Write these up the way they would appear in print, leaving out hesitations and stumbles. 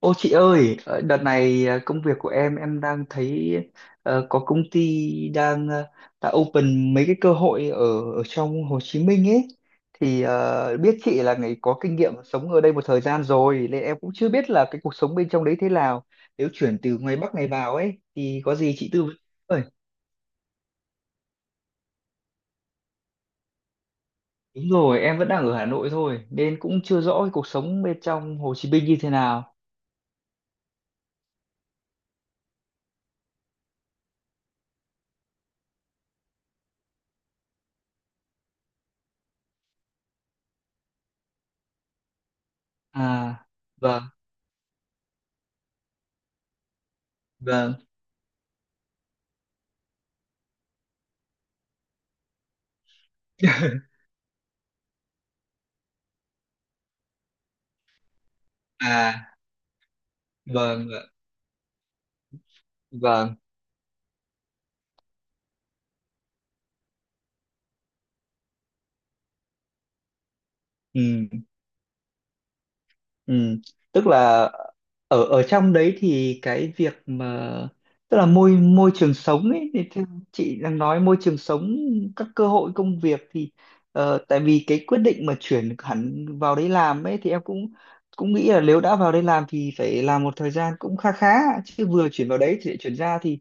Ô chị ơi, đợt này công việc của em đang thấy có công ty đang đã open mấy cái cơ hội ở ở trong Hồ Chí Minh ấy thì biết chị là người có kinh nghiệm sống ở đây một thời gian rồi nên em cũng chưa biết là cái cuộc sống bên trong đấy thế nào. Nếu chuyển từ ngoài Bắc này vào ấy thì có gì chị tư vấn. Ơi, đúng rồi, em vẫn đang ở Hà Nội thôi nên cũng chưa rõ cái cuộc sống bên trong Hồ Chí Minh như thế nào. À, vâng, vâng. À, vâng, vâng. Ừ, ừ. Tức là ở ở trong đấy thì cái việc mà tức là môi môi trường sống ấy thì theo chị đang nói môi trường sống, các cơ hội công việc thì tại vì cái quyết định mà chuyển hẳn vào đấy làm ấy thì em cũng cũng nghĩ là nếu đã vào đây làm thì phải làm một thời gian cũng kha khá, chứ vừa chuyển vào đấy thì lại chuyển ra thì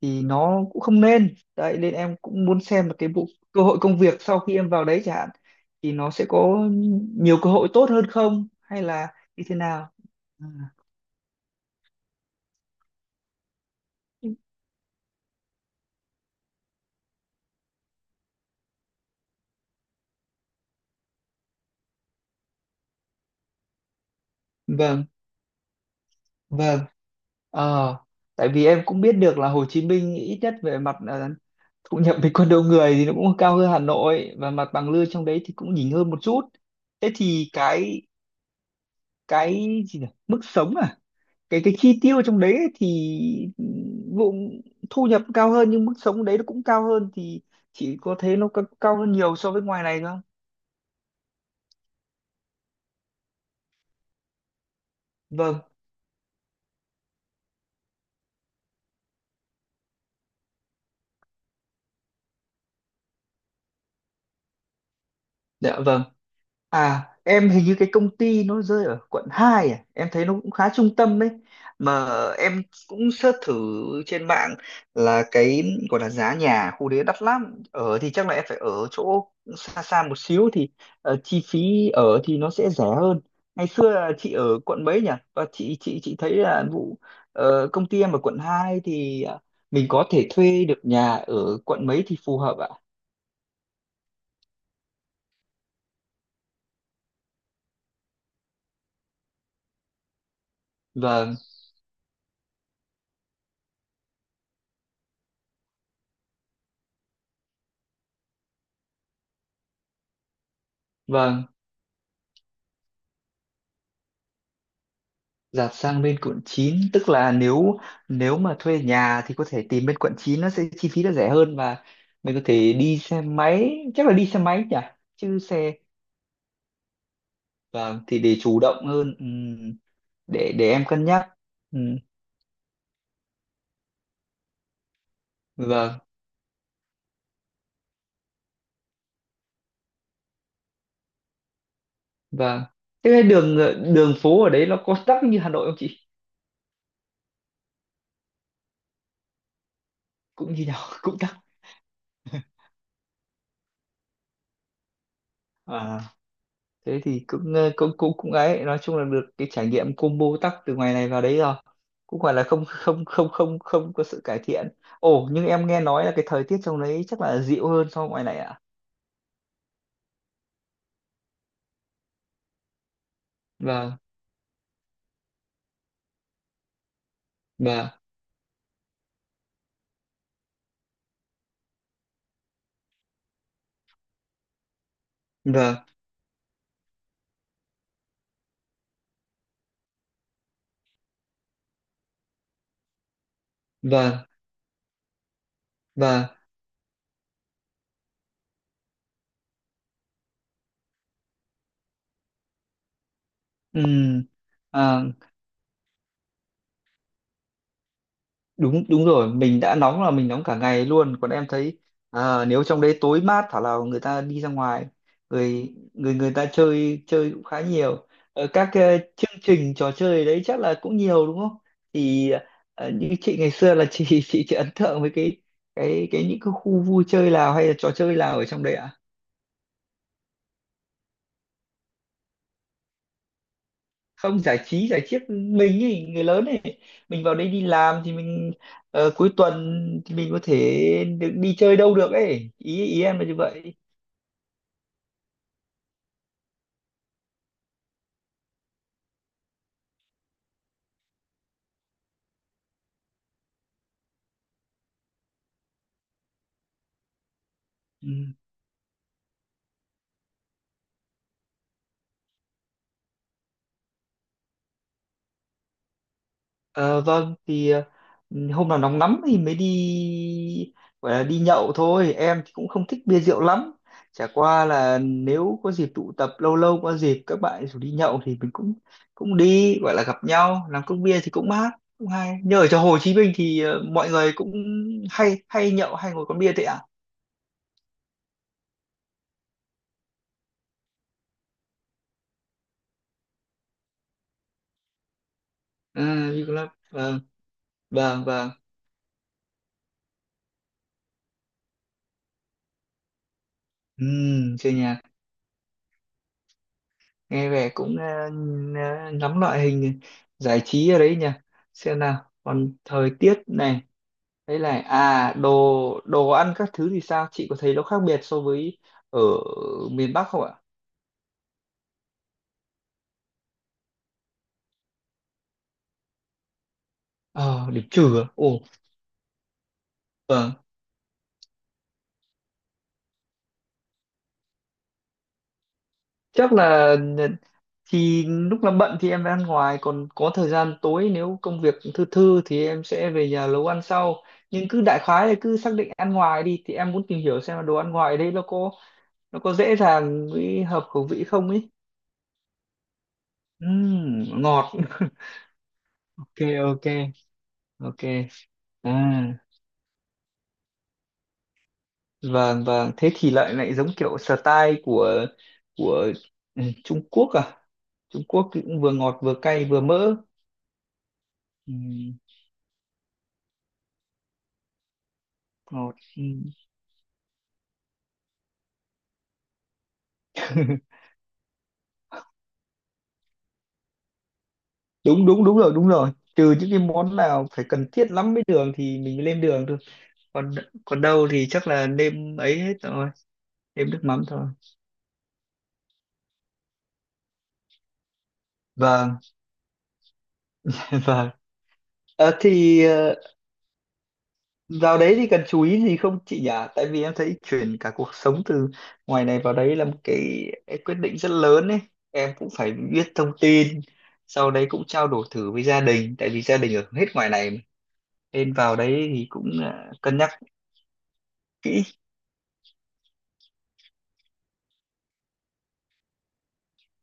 nó cũng không nên đấy, nên em cũng muốn xem là cái bộ cơ hội công việc sau khi em vào đấy chẳng hạn thì nó sẽ có nhiều cơ hội tốt hơn không hay là như thế nào. À, vâng, vâng. ờ Tại vì em cũng biết được là Hồ Chí Minh ít nhất về mặt thu nhập bình quân đầu người thì nó cũng cao hơn Hà Nội và mặt bằng lương trong đấy thì cũng nhỉnh hơn một chút. Thế thì cái gì nhỉ, mức sống à, cái chi tiêu trong đấy ấy thì vụ thu nhập cao hơn nhưng mức sống đấy nó cũng cao hơn thì chỉ có thế, nó cao hơn nhiều so với ngoài này thôi không? Vâng, dạ vâng. À, em hình như cái công ty nó rơi ở Quận 2 à, em thấy nó cũng khá trung tâm đấy. Mà em cũng search thử trên mạng là cái gọi là giá nhà khu đấy đắt lắm. Ở thì chắc là em phải ở chỗ xa xa một xíu thì chi phí ở thì nó sẽ rẻ hơn. Ngày xưa là chị ở quận mấy nhỉ? Và chị thấy là vụ công ty em ở Quận 2 thì mình có thể thuê được nhà ở quận mấy thì phù hợp ạ? Vâng, vâng. Dạt sang bên Quận 9, tức là nếu nếu mà thuê nhà thì có thể tìm bên Quận 9, nó sẽ chi phí nó rẻ hơn và mình có thể đi xe máy, chắc là đi xe máy nhỉ, chứ xe vâng thì để chủ động hơn. Để em cân nhắc. Ừm, vâng, vâng. Thế cái đường đường phố ở đấy nó có tắc như Hà Nội không chị? Cũng như nhau, cũng tắc. À, thế thì cũng cũng cũng cũng ấy, nói chung là được cái trải nghiệm combo tắc từ ngoài này vào đấy rồi, cũng gọi là không không không không không có sự cải thiện. Ồ, nhưng em nghe nói là cái thời tiết trong đấy chắc là dịu hơn so với ngoài này ạ. Vâng, vâng, vâng, vâng, vâng. Ừ đúng, đúng rồi, mình đã nóng là mình nóng cả ngày luôn còn em thấy à, nếu trong đấy tối mát thảo nào người ta đi ra ngoài, người người người ta chơi chơi cũng khá nhiều. Ờ, các chương trình trò chơi đấy chắc là cũng nhiều đúng không, thì như chị ngày xưa là chị chị ấn tượng với cái những cái khu vui chơi nào hay là trò chơi nào ở trong đấy ạ? Không, giải trí giải chiếc mình ấy, người lớn ấy, mình vào đây đi làm thì mình cuối tuần thì mình có thể được đi chơi đâu được ấy, ý ý em là như vậy. Ừ. Ờ, vâng thì hôm nào nóng lắm thì mới đi, gọi là đi nhậu thôi, em thì cũng không thích bia rượu lắm, chả qua là nếu có dịp tụ tập lâu lâu có dịp các bạn rủ đi nhậu thì mình cũng cũng đi, gọi là gặp nhau làm cốc bia thì cũng mát cũng hay. Như ở chỗ Hồ Chí Minh thì mọi người cũng hay hay nhậu hay ngồi quán bia thế ạ? À, đi club, vâng, vâng, vâng. Ừ, chơi nhà, nghe vẻ cũng ngắm loại hình giải trí ở đấy nhỉ, xem nào còn thời tiết này. Đấy là à, đồ đồ ăn các thứ thì sao, chị có thấy nó khác biệt so với ở miền Bắc không ạ? Ờ, điểm trừ à? Ồ, vâng, chắc là thì lúc làm bận thì em phải ăn ngoài, còn có thời gian tối nếu công việc thư thư thì em sẽ về nhà nấu ăn sau, nhưng cứ đại khái là cứ xác định ăn ngoài đi thì em muốn tìm hiểu xem là đồ ăn ngoài ở đây nó có dễ dàng với hợp khẩu vị không ấy. Ngọt ok, ok, ok. À, vâng vâng, thế thì lại lại giống kiểu style của của ừ, Trung Quốc à, Trung Quốc thì cũng vừa ngọt vừa cay vừa mỡ. Ừm, Ngọt đúng đúng đúng rồi, đúng rồi, trừ những cái món nào phải cần thiết lắm với đường thì mình mới lên đường thôi, còn còn đâu thì chắc là nêm ấy hết rồi, nêm nước mắm thôi. Vâng, vâng. Ờ, thì vào đấy thì cần chú ý gì không chị nhỉ? Tại vì em thấy chuyển cả cuộc sống từ ngoài này vào đấy là một cái quyết định rất lớn ấy. Em cũng phải biết thông tin, sau đấy cũng trao đổi thử với gia đình, tại vì gia đình ở hết ngoài này mà. Nên vào đấy thì cũng à, cân nhắc kỹ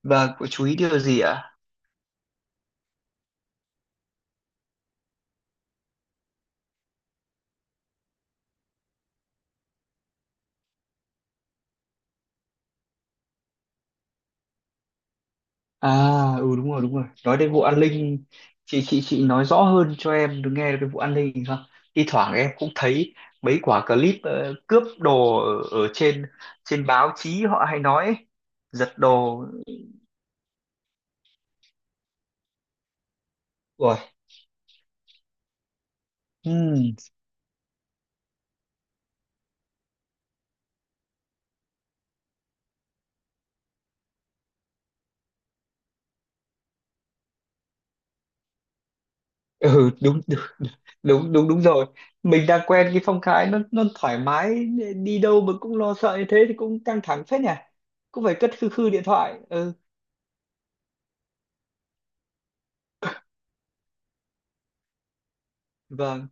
và có chú ý điều gì ạ? À, ừ đúng rồi, đúng rồi. Nói đến vụ an ninh, chị nói rõ hơn cho em được nghe được cái vụ an ninh không? Thi thoảng em cũng thấy mấy quả clip cướp đồ ở trên trên báo chí họ hay nói ấy. Giật đồ. Rồi. Ừ, ừ đúng, đúng đúng đúng đúng rồi. Mình đang quen cái cái nó thoải mái, đi đâu mà cũng lo sợ như thế thì cũng căng thẳng phết nhỉ. Cũng phải cất khư khư điện thoại. Ừ, vâng.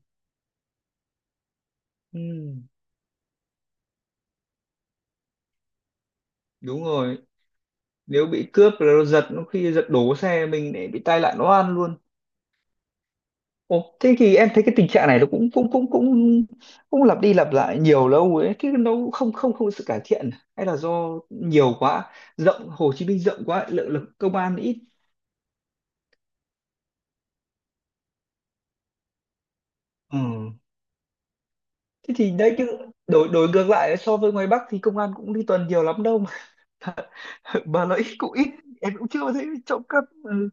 Ừ, đúng rồi. Nếu bị cướp rồi nó giật nó, khi giật đổ xe mình để bị tai nạn nó ăn luôn. Ồ, thế thì em thấy cái tình trạng này nó cũng cũng cũng cũng cũng lặp đi lặp lại nhiều lâu ấy, thế nó cũng không không không có sự cải thiện hay là do nhiều quá, rộng, Hồ Chí Minh rộng quá, lượng lực công an ít. Ừ. Thế thì đấy chứ, đổi đổi ngược lại so với ngoài Bắc thì công an cũng đi tuần nhiều lắm đâu mà mà nó ít, cũng ít, em cũng chưa thấy trộm cắp. Ừ,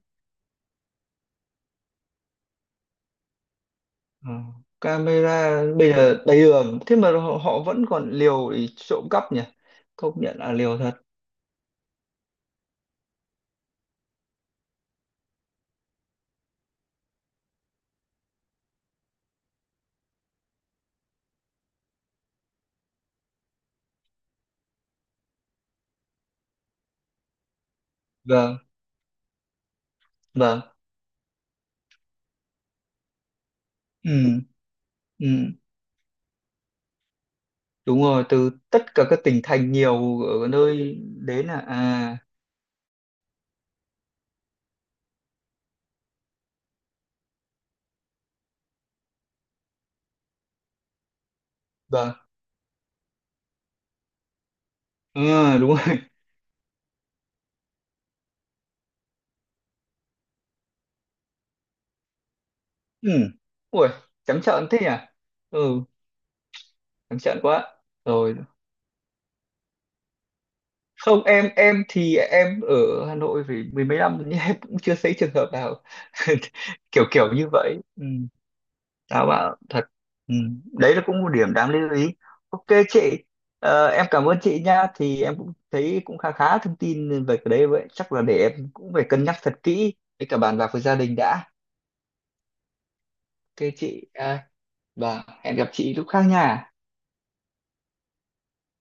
Ờ, camera bây giờ đầy đường thế mà họ, họ vẫn còn liều để trộm cắp nhỉ, công nhận là liều thật. Vâng, vâng. Ừ, ừ. Đúng rồi, từ tất cả các tỉnh thành nhiều ở nơi đến là à vâng. Ừ, đúng rồi. Ừ. Ui, trắng trợn thế nhỉ. Ừ, trắng trợn quá. Rồi, không em em thì em ở Hà Nội phải mười mấy năm nhưng em cũng chưa thấy trường hợp nào kiểu kiểu như vậy. Ừ. Tao bảo thật. Ừ. Đấy là cũng một điểm đáng lưu ý. Ok chị, em cảm ơn chị nha, thì em cũng thấy cũng khá khá thông tin về cái đấy, vậy chắc là để em cũng phải cân nhắc thật kỹ với cả bàn bạc với gia đình đã. Ok chị à, và hẹn gặp chị lúc khác nha.